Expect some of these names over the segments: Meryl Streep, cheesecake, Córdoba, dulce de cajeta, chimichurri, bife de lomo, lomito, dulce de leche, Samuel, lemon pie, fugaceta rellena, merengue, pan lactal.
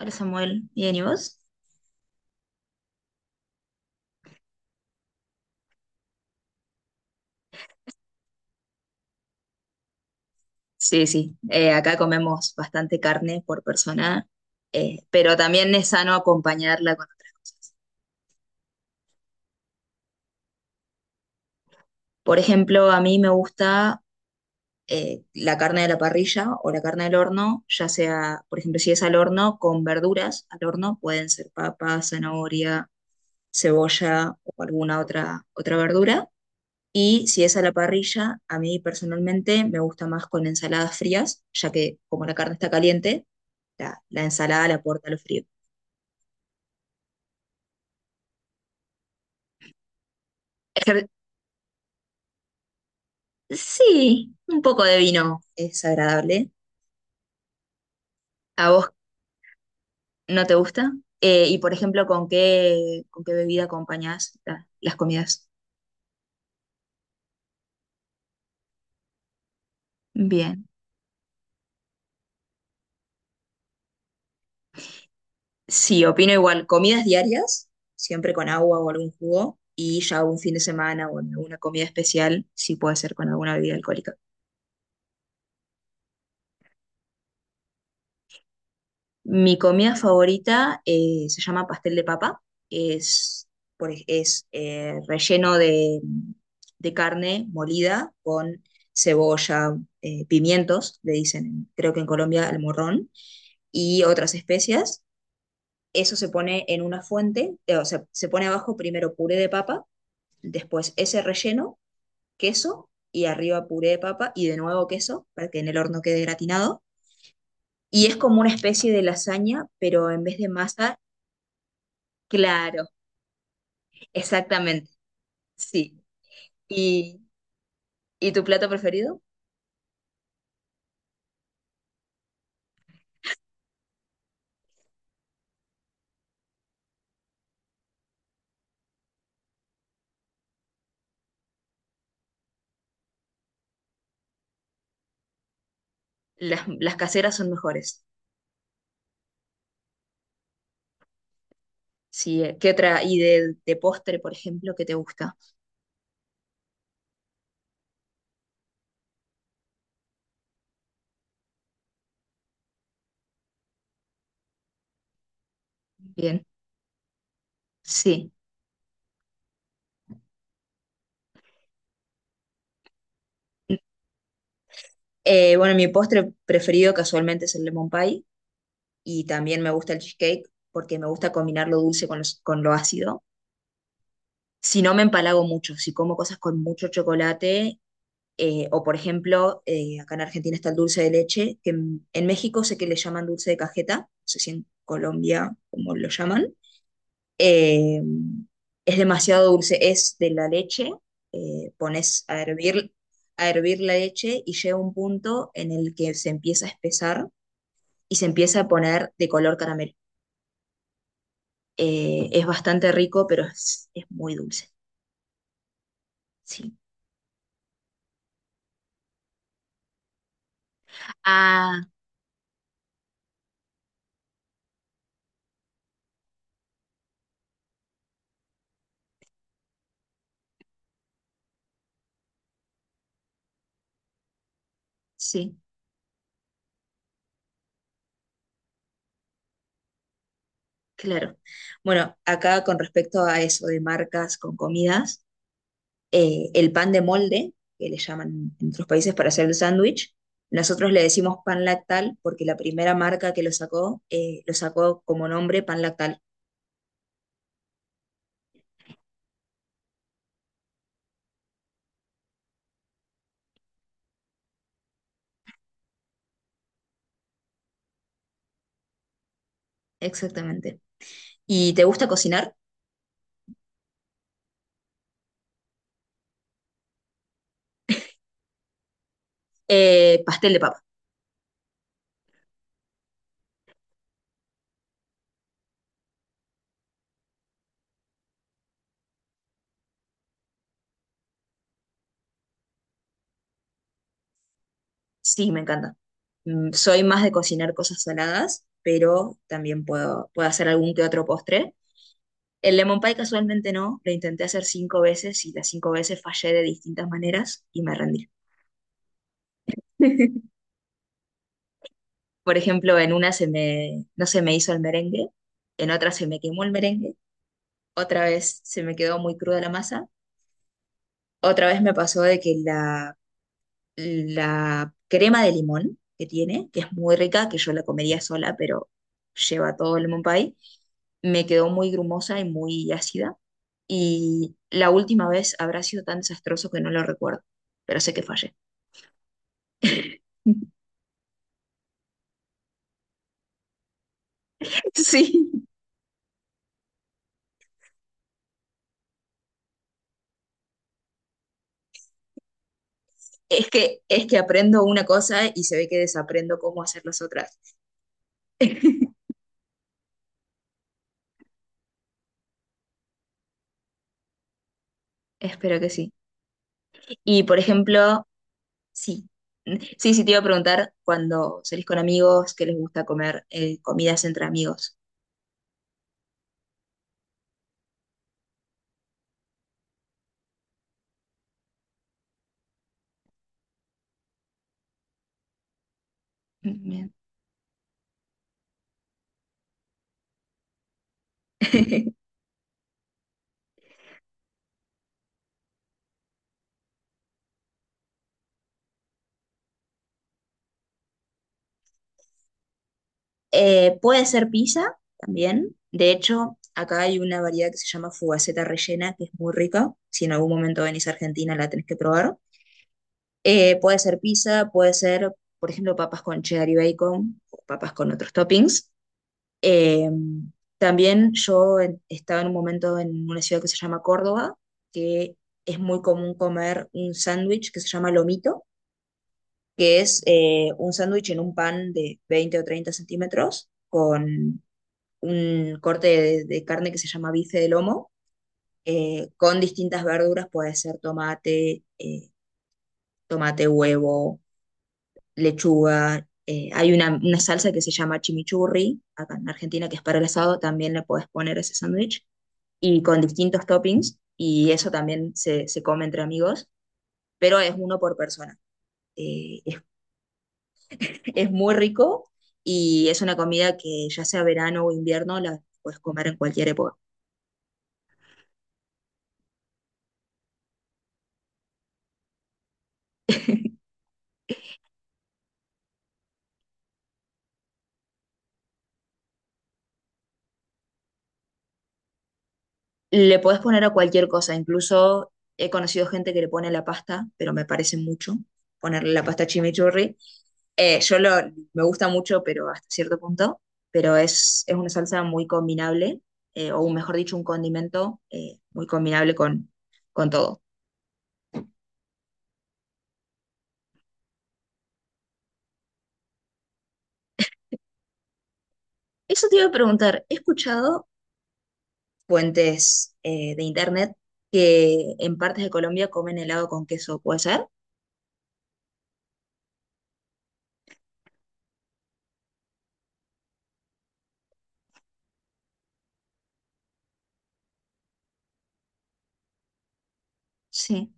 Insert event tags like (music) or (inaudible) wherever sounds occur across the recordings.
Hola Samuel, ¿bien y vos? Sí, sí. Acá comemos bastante carne por persona, pero también es sano acompañarla con otras cosas. Por ejemplo, a mí me gusta la carne de la parrilla o la carne del horno, ya sea, por ejemplo, si es al horno, con verduras al horno, pueden ser papa, zanahoria, cebolla o alguna otra verdura. Y si es a la parrilla, a mí personalmente me gusta más con ensaladas frías, ya que como la carne está caliente, la ensalada la aporta lo frío. Ejer- sí, un poco de vino es agradable. ¿A vos no te gusta? Y por ejemplo, ¿con qué bebida acompañás las comidas? Bien. Sí, opino igual. Comidas diarias, siempre con agua o algún jugo. Y ya un fin de semana o en alguna comida especial, sí puede ser con alguna bebida alcohólica. Mi comida favorita se llama pastel de papa. Es, es relleno de carne molida con cebolla, pimientos, le dicen, creo que en Colombia, el morrón, y otras especias. Eso se pone en una fuente, o sea, se pone abajo primero puré de papa, después ese relleno, queso, y arriba puré de papa y de nuevo queso para que en el horno quede gratinado. Y es como una especie de lasaña, pero en vez de masa. Claro, exactamente, sí. ¿Y, y tu plato preferido? Las caseras son mejores. Sí, ¿qué otra? ¿Y de postre, por ejemplo, qué te gusta? Bien, sí. Bueno, mi postre preferido casualmente es el lemon pie y también me gusta el cheesecake porque me gusta combinar lo dulce con, con lo ácido. Si no, me empalago mucho. Si como cosas con mucho chocolate, o por ejemplo, acá en Argentina está el dulce de leche, que en México sé que le llaman dulce de cajeta, no sé si en Colombia como lo llaman. Eh, es demasiado dulce, es de la leche, pones a hervir la leche y llega un punto en el que se empieza a espesar y se empieza a poner de color caramelo. Es bastante rico, pero es muy dulce. Sí. Ah, sí. Claro. Bueno, acá con respecto a eso de marcas con comidas, el pan de molde, que le llaman en otros países para hacer el sándwich, nosotros le decimos pan lactal porque la primera marca que lo sacó como nombre pan lactal. Exactamente. ¿Y te gusta cocinar? Pastel de papa. Sí, me encanta. Mm, soy más de cocinar cosas saladas, pero también puedo, puedo hacer algún que otro postre. El lemon pie casualmente no, lo intenté hacer 5 veces y las 5 veces fallé de distintas maneras y me rendí. (laughs) Por ejemplo, en una no se me hizo el merengue, en otra se me quemó el merengue, otra vez se me quedó muy cruda la masa, otra vez me pasó de que la crema de limón que tiene, que es muy rica, que yo la comería sola, pero lleva todo el lemon pie, me quedó muy grumosa y muy ácida. Y la última vez habrá sido tan desastroso que no lo recuerdo, pero sé que fallé. (laughs) Sí, es que aprendo una cosa y se ve que desaprendo cómo hacer las otras. (laughs) Espero que sí. Y por ejemplo, sí. Sí, sí, te iba a preguntar cuando salís con amigos, ¿qué les gusta comer? Comidas entre amigos. Bien. (laughs) Puede ser pizza también. De hecho, acá hay una variedad que se llama fugaceta rellena, que es muy rica. Si en algún momento venís a Argentina, la tenés que probar. Puede ser pizza, puede ser, por ejemplo, papas con cheddar y bacon, o papas con otros toppings. Eh, También yo estaba en un momento en una ciudad que se llama Córdoba, que es muy común comer un sándwich que se llama lomito, que es un sándwich en un pan de 20 o 30 centímetros con un corte de carne que se llama bife de lomo, con distintas verduras, puede ser tomate, tomate, huevo, lechuga. Hay una salsa que se llama chimichurri, acá en Argentina, que es para el asado, también le puedes poner ese sándwich, y con distintos toppings, y eso también se come entre amigos, pero es uno por persona. Eh, es, (laughs) es muy rico y es una comida que ya sea verano o invierno, la puedes comer en cualquier época. Le podés poner a cualquier cosa, incluso he conocido gente que le pone la pasta, pero me parece mucho ponerle la pasta chimichurri. Eh, yo lo, Me gusta mucho, pero hasta cierto punto, pero es una salsa muy combinable, o mejor dicho, un condimento muy combinable con todo. Eso te iba a preguntar, he escuchado fuentes de internet que en partes de Colombia comen helado con queso, ¿puede ser? Sí.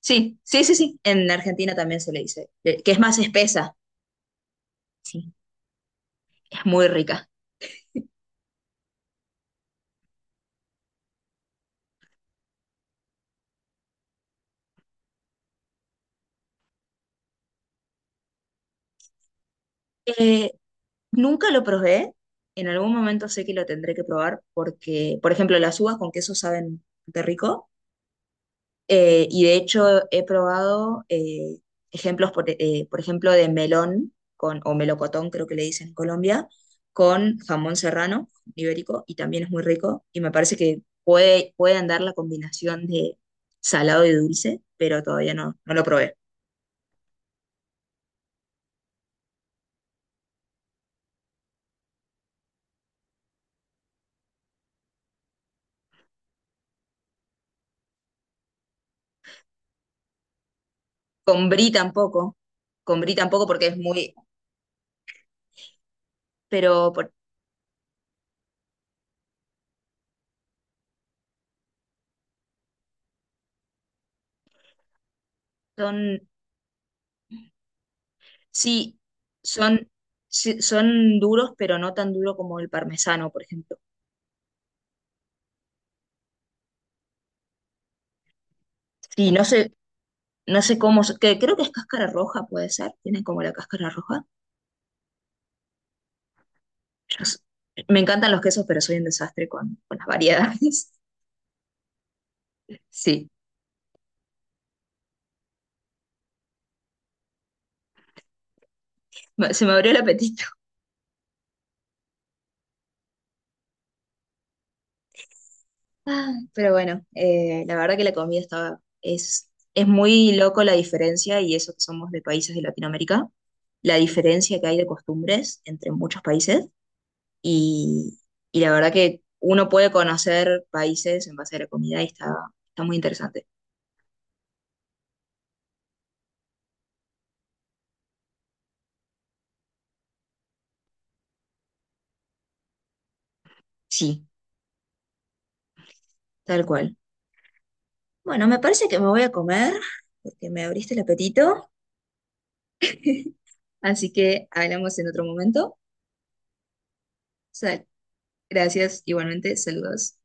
Sí, sí, sí, sí. En Argentina también se le dice, que es más espesa. Sí, es muy rica. Eh, Nunca lo probé. En algún momento sé que lo tendré que probar porque, por ejemplo, las uvas con queso saben de rico. Y de hecho he probado por ejemplo, de melón con, o melocotón, creo que le dicen en Colombia, con jamón serrano ibérico y también es muy rico. Y me parece que puede, puede andar la combinación de salado y dulce, pero todavía no, no lo probé. Con brie tampoco. Con brie tampoco porque es muy, pero por- son, sí, son, sí, son duros, pero no tan duro como el parmesano, por ejemplo. Sí, no sé, no sé cómo, que creo que es cáscara roja, puede ser, tienen como la cáscara roja. Yo s- Me encantan los quesos, pero soy un desastre con las variedades. (laughs) Sí, se me abrió el apetito. Ah, pero bueno, la verdad que la comida estaba, es muy loco la diferencia y eso que somos de países de Latinoamérica, la diferencia que hay de costumbres entre muchos países. Y, y la verdad que uno puede conocer países en base a la comida y está, está muy interesante. Sí, tal cual. Bueno, me parece que me voy a comer porque me abriste el apetito. Así que hablamos en otro momento. Sal. Gracias, igualmente, saludos.